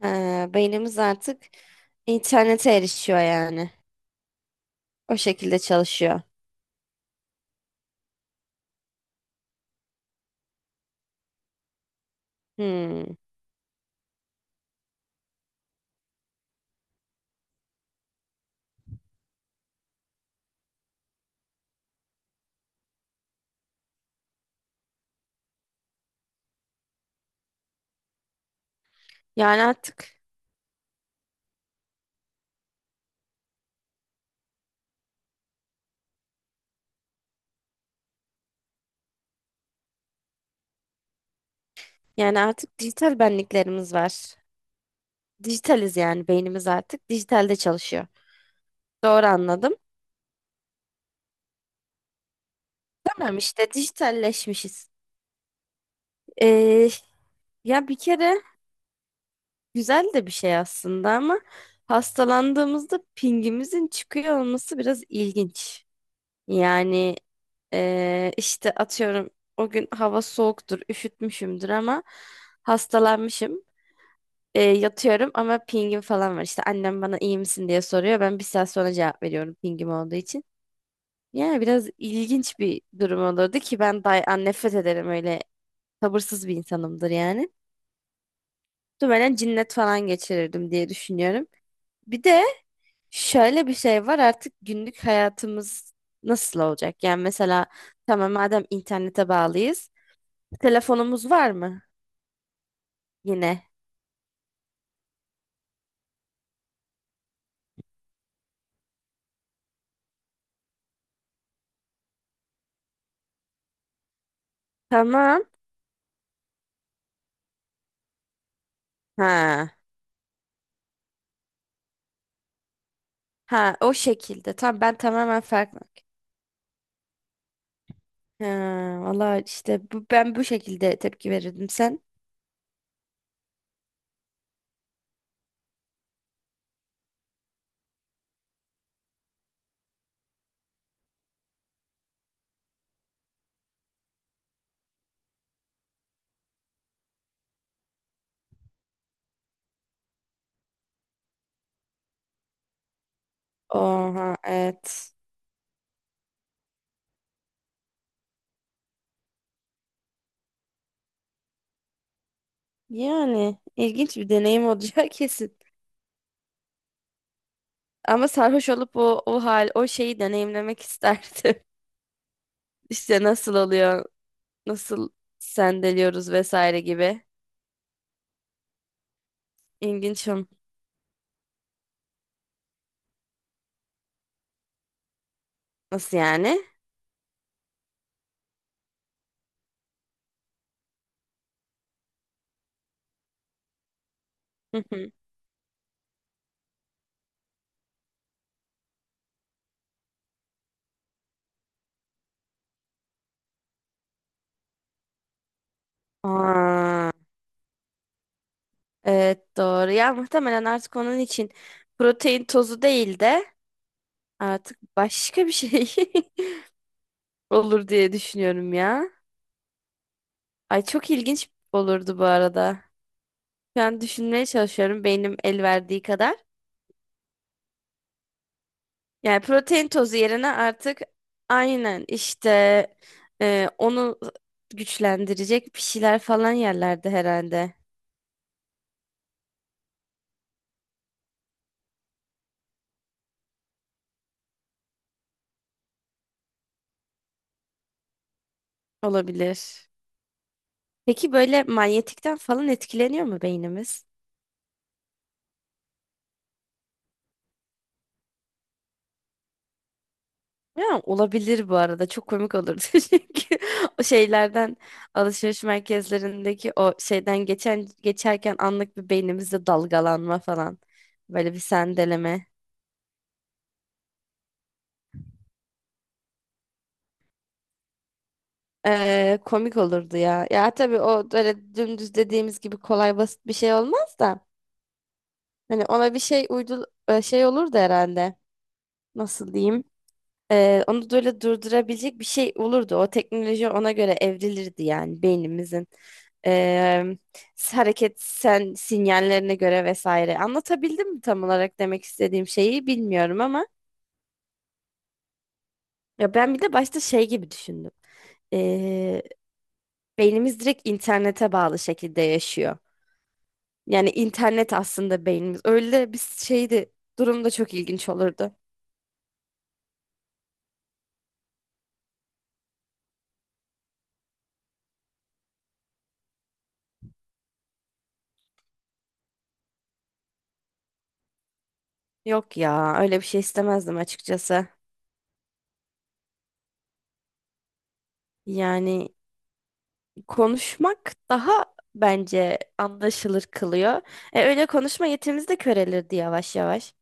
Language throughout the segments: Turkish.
Ha, beynimiz artık internete erişiyor yani. O şekilde çalışıyor. Hmm. Yani artık yani artık dijital benliklerimiz var. Dijitaliz yani beynimiz artık dijitalde çalışıyor. Doğru anladım. Tamam işte dijitalleşmişiz. Ee, Ya bir kere güzel de bir şey aslında ama hastalandığımızda pingimizin çıkıyor olması biraz ilginç. Yani işte atıyorum o gün hava soğuktur, üşütmüşümdür ama hastalanmışım. Yatıyorum ama pingim falan var. İşte annem bana iyi misin diye soruyor. Ben 1 saat sonra cevap veriyorum pingim olduğu için. Yani biraz ilginç bir durum olurdu ki ben day an nefret ederim öyle sabırsız bir insanımdır yani. Muhtemelen cinnet falan geçirirdim diye düşünüyorum. Bir de şöyle bir şey var, artık günlük hayatımız nasıl olacak? Yani mesela tamam, madem internete bağlıyız. Telefonumuz var mı? Yine. Tamam. Ha. Ha, o şekilde. Tamam, ben tamamen farklı. Ha, valla işte bu, ben bu şekilde tepki verirdim sen. Oha, evet. Yani ilginç bir deneyim olacak kesin. Ama sarhoş olup o, o hal o şeyi deneyimlemek isterdim. İşte nasıl oluyor? Nasıl sendeliyoruz vesaire gibi. İlginç. O. Nasıl yani? Hı hı. Aa, evet doğru. Ya muhtemelen artık onun için protein tozu değil de artık başka bir şey olur diye düşünüyorum ya. Ay, çok ilginç olurdu bu arada. Şu an düşünmeye çalışıyorum, beynim el verdiği kadar. Yani protein tozu yerine artık aynen işte onu güçlendirecek bir şeyler falan yerlerde herhalde. Olabilir. Peki böyle manyetikten falan etkileniyor mu beynimiz? Ya, olabilir bu arada. Çok komik olurdu çünkü o şeylerden, alışveriş merkezlerindeki o şeyden geçerken anlık bir beynimizde dalgalanma falan. Böyle bir sendeleme. Komik olurdu ya. Ya tabii o böyle dümdüz dediğimiz gibi kolay basit bir şey olmaz da. Hani ona bir şey uydu şey olurdu herhalde. Nasıl diyeyim? Onu böyle durdurabilecek bir şey olurdu. O teknoloji ona göre evrilirdi yani beynimizin ee, hareket sen sinyallerine göre vesaire. Anlatabildim mi tam olarak demek istediğim şeyi bilmiyorum ama ya ben bir de başta şey gibi düşündüm. Ee, Beynimiz direkt internete bağlı şekilde yaşıyor. Yani internet aslında beynimiz. Öyle bir şeydi. Durum da çok ilginç olurdu. Yok ya, öyle bir şey istemezdim açıkçası. Yani konuşmak daha bence anlaşılır kılıyor. E, öyle konuşma yetimiz de körelirdi yavaş yavaş.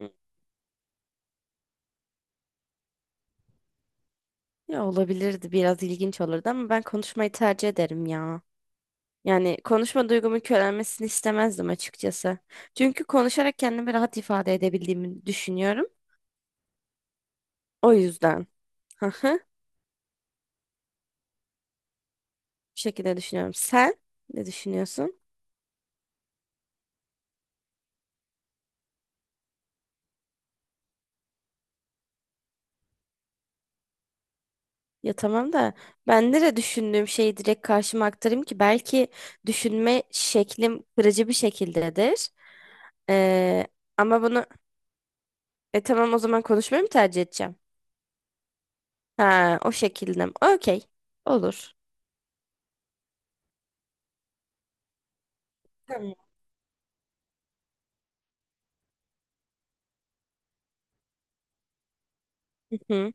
Hı. Ya olabilirdi, biraz ilginç olurdu ama ben konuşmayı tercih ederim ya. Yani konuşma duygumun körelmesini istemezdim açıkçası. Çünkü konuşarak kendimi rahat ifade edebildiğimi düşünüyorum. O yüzden. Hı hı. Bu şekilde düşünüyorum. Sen ne düşünüyorsun? Ya tamam da ben nereye düşündüğüm şeyi direkt karşıma aktarayım ki, belki düşünme şeklim kırıcı bir şekildedir. Ee, Ama bunu tamam, o zaman konuşmayı mı tercih edeceğim? Ha, o şekilde mi? Okey. Olur. Tamam. Hı hı.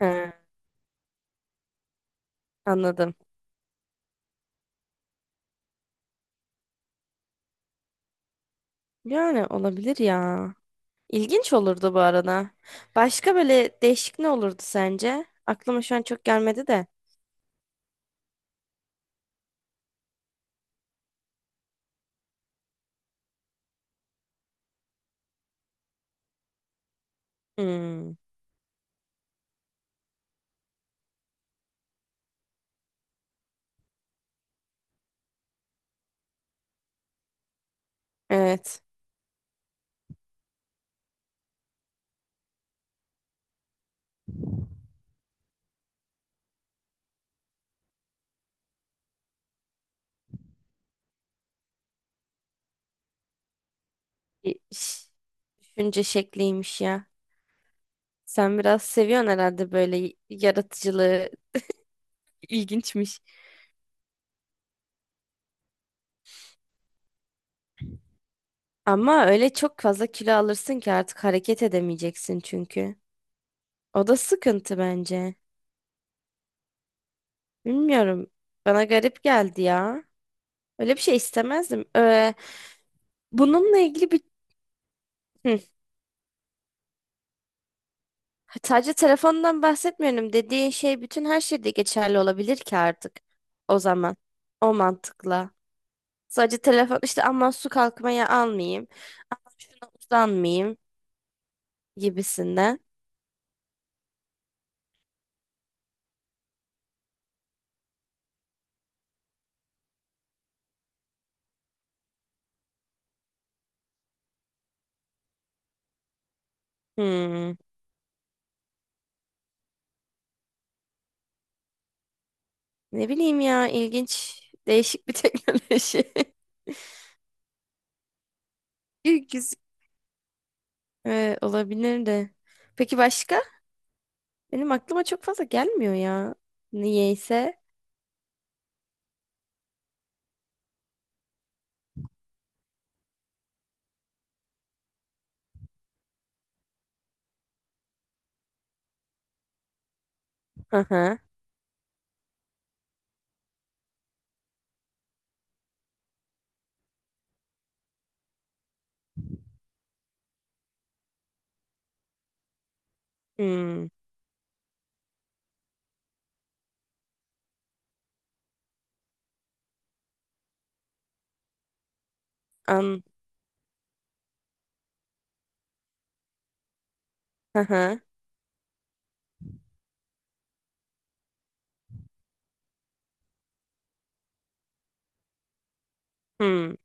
Ha, anladım. Yani olabilir ya. İlginç olurdu bu arada. Başka böyle değişik ne olurdu sence? Aklıma şu an çok gelmedi de. Hmm, evet. Bir ş- Düşünce şekliymiş ya. Sen biraz seviyorsun herhalde böyle yaratıcılığı. İlginçmiş. Ama öyle çok fazla kilo alırsın ki artık hareket edemeyeceksin çünkü. O da sıkıntı bence. Bilmiyorum. Bana garip geldi ya. Öyle bir şey istemezdim. Bununla ilgili bir... Hı. Sadece telefondan bahsetmiyorum. Dediğin şey bütün her şeyde geçerli olabilir ki artık. O zaman. O mantıkla. Sadece telefon işte, aman su kalkmaya almayayım. Aman şuna uzanmayayım gibisinden. Hmm. Ne bileyim ya, ilginç. Değişik bir teknoloji. İlginç. Olabilir de. Peki başka? Benim aklıma çok fazla gelmiyor ya. Niyeyse. Hı hı. Hmm. An. Hı hı. Hmm.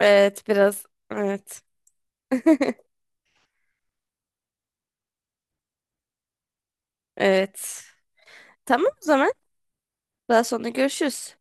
Evet, biraz. Evet. Evet. Tamam o zaman. Daha sonra görüşürüz.